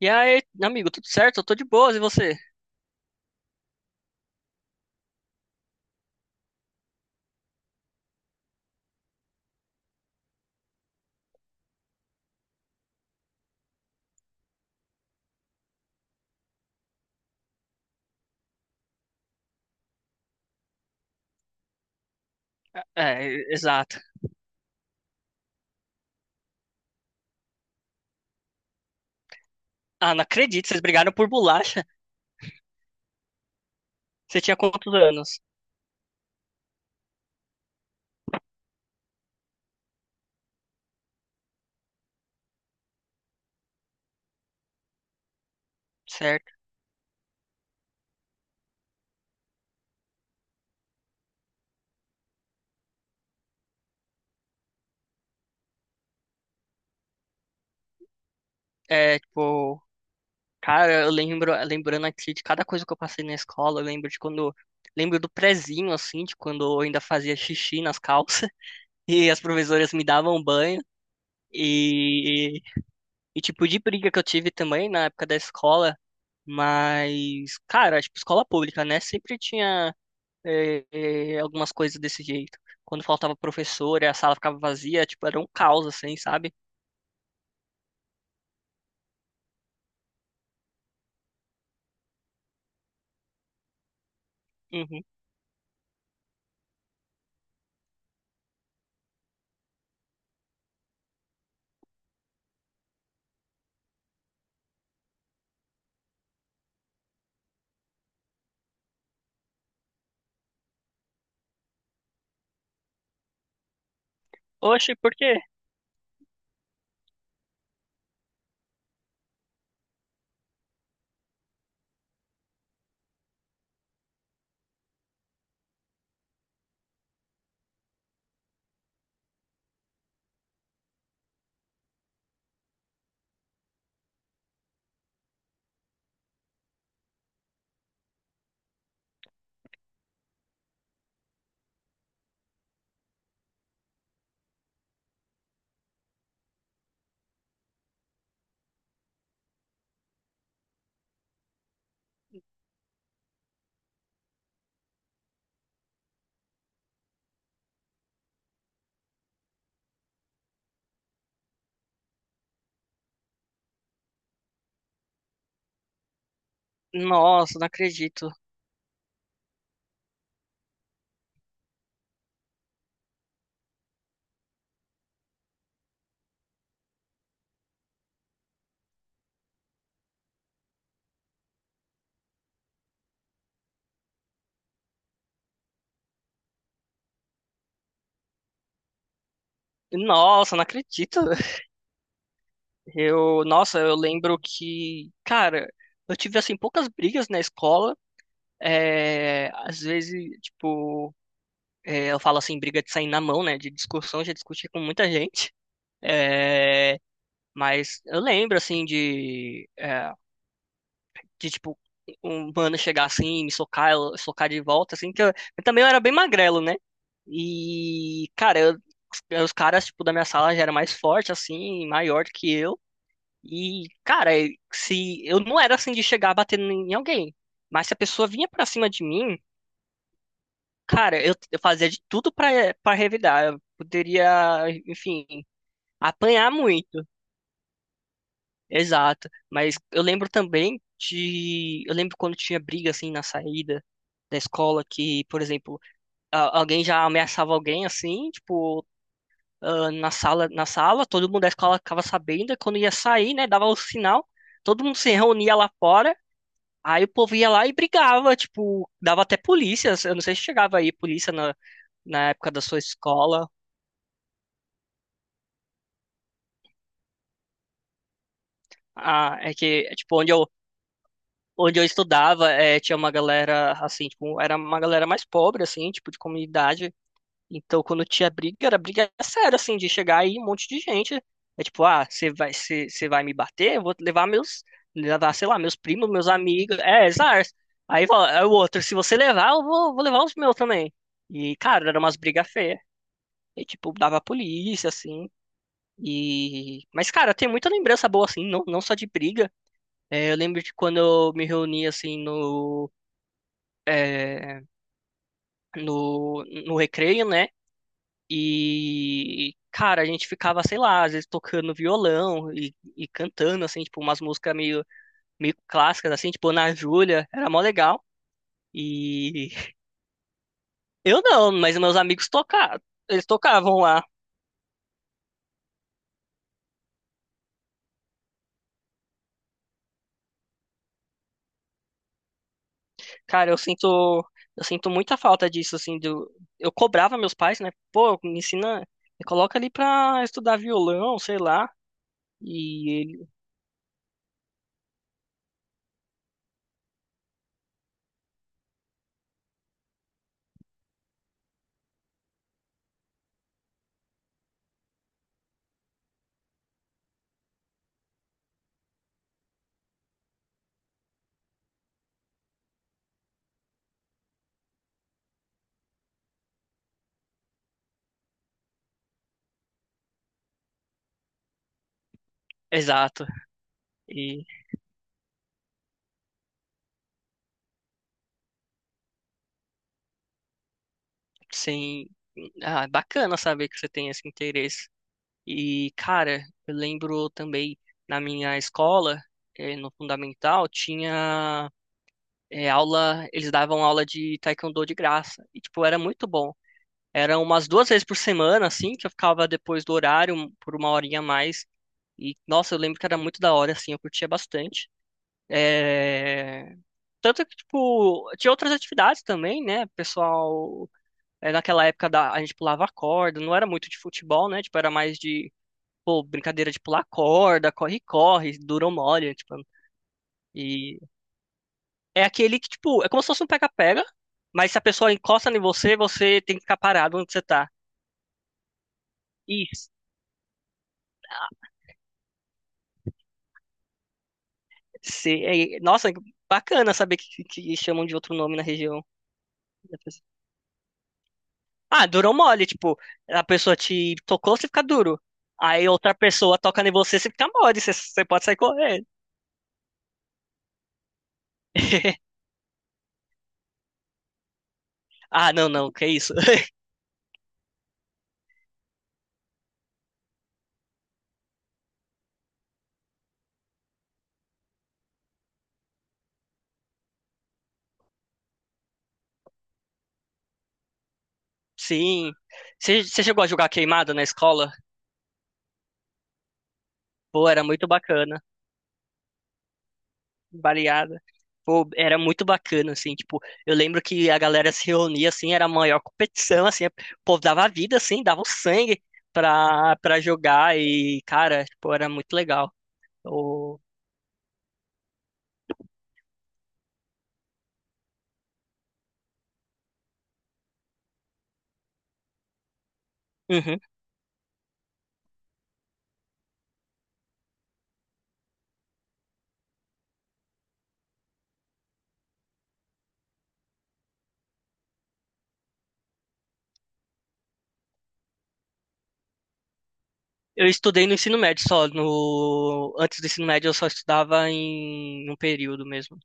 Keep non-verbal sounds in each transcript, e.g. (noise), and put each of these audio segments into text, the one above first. E aí, amigo, tudo certo? Eu tô de boas, e você? É, exato. Ah, não acredito, vocês brigaram por bolacha. (laughs) Você tinha quantos anos? Certo. É, tipo, cara, lembrando aqui de cada coisa que eu passei na escola, eu lembro de quando, lembro do prezinho, assim, de quando eu ainda fazia xixi nas calças, (laughs) e as professoras me davam banho, e, e tipo, de briga que eu tive também na época da escola, mas, cara, tipo, escola pública, né, sempre tinha é, algumas coisas desse jeito. Quando faltava professor e a sala ficava vazia, tipo, era um caos, assim, sabe? Uhum. Oxe, por quê? Nossa, não acredito. Nossa, não acredito. Nossa, eu lembro que, cara, eu tive, assim, poucas brigas na escola. É, às vezes, tipo, eu falo assim, briga de sair na mão, né? De discussão, já discuti com muita gente. É, mas eu lembro, assim, de tipo, um mano chegar assim, me socar, eu socar de volta, assim, que eu também era bem magrelo, né? E, cara, os caras, tipo, da minha sala já era mais forte, assim, maior do que eu. E, cara, e se eu não era assim de chegar batendo em alguém, mas se a pessoa vinha pra cima de mim, cara, eu fazia de tudo pra para revidar. Eu poderia, enfim, apanhar muito. Exato. Mas eu lembro também de. Eu lembro quando tinha briga assim na saída da escola que, por exemplo, alguém já ameaçava alguém assim, tipo, ah, na sala, todo mundo da escola ficava sabendo, e quando ia sair, né, dava o sinal, todo mundo se reunia lá fora, aí o povo ia lá e brigava, tipo, dava até polícia. Eu não sei se chegava aí polícia na época da sua escola. Ah, é que, é, tipo, onde eu estudava, tinha uma galera, assim, tipo, era uma galera mais pobre, assim, tipo, de comunidade. Então, quando tinha briga, era briga séria, assim, de chegar aí um monte de gente. É tipo, ah, você vai me bater? Eu vou levar, sei lá, meus primos, meus amigos. É, exato. Aí fala, é o outro, se você levar, eu vou levar os meus também. E, cara, eram umas brigas feias. E, tipo, dava a polícia, assim. Mas, cara, tem muita lembrança boa, assim, não, não só de briga. É, eu lembro de quando eu me reuni, assim, é, no recreio, né? E, cara, a gente ficava, sei lá, às vezes tocando violão e cantando, assim, tipo, umas músicas meio clássicas, assim, tipo, Ana Júlia, era mó legal. E (laughs) eu não, mas meus amigos tocavam, eles tocavam lá. Cara, eu sinto muita falta disso, assim, do, eu cobrava meus pais, né? Pô, me ensina, me coloca ali pra estudar violão, sei lá. E ele, Exato. E Sim. Ah, é bacana saber que você tem esse interesse. E, cara, eu lembro também na minha escola, no fundamental, tinha aula, eles davam aula de taekwondo de graça. E, tipo, era muito bom. Eram umas duas vezes por semana, assim, que eu ficava depois do horário por uma horinha a mais. E, nossa, eu lembro que era muito da hora, assim, eu curtia bastante. Eh, Tanto que, tipo, tinha outras atividades também, né? O pessoal naquela época a gente pulava corda, não era muito de futebol, né? Tipo, era mais de, pô, brincadeira de pular corda, corre-corre, dura ou molha, tipo. E é aquele que, tipo, é como se fosse um pega-pega, mas se a pessoa encosta em você, você tem que ficar parado onde você tá. Isso. Nossa, bacana saber que, chamam de outro nome na região. Ah, dura ou mole, tipo, a pessoa te tocou, você fica duro. Aí outra pessoa toca em você, você fica mole, você pode sair correndo. (laughs) Ah, não, não, que isso. Sim. Você chegou a jogar queimada na escola? Pô, era muito bacana. Baleada. Pô, era muito bacana, assim, tipo, eu lembro que a galera se reunia, assim, era a maior competição, assim, o povo dava a vida, assim, dava o sangue pra jogar e, cara, tipo, era muito legal. Eu, Uhum. Eu estudei no ensino médio só, no... Antes do ensino médio eu só estudava em um período mesmo.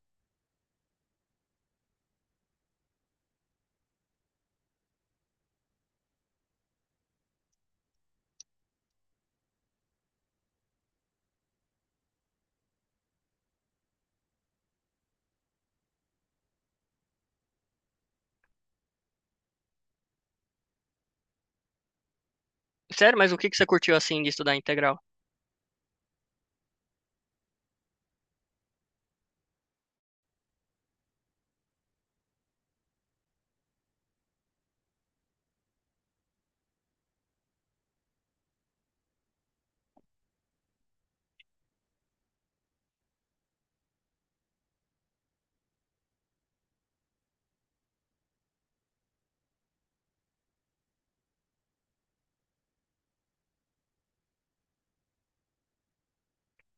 Sério, mas o que que você curtiu, assim, de estudar integral?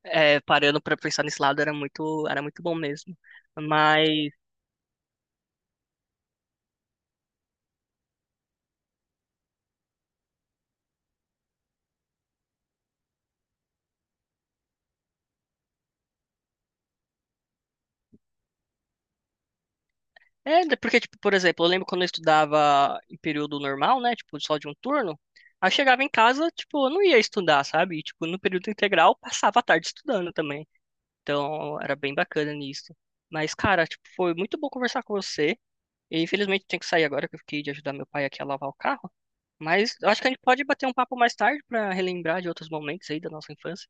É, parando pra pensar nesse lado era muito bom mesmo. Mas é né, porque tipo, por exemplo, eu lembro quando eu estudava em período normal, né, tipo só de um turno, aí eu chegava em casa, tipo, eu não ia estudar, sabe? E, tipo, no período integral passava a tarde estudando também. Então, era bem bacana nisso. Mas cara, tipo, foi muito bom conversar com você. E infelizmente tenho que sair agora que eu fiquei de ajudar meu pai aqui a lavar o carro, mas eu acho que a gente pode bater um papo mais tarde pra relembrar de outros momentos aí da nossa infância.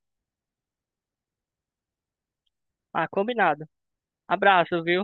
Ah, combinado. Abraço, viu?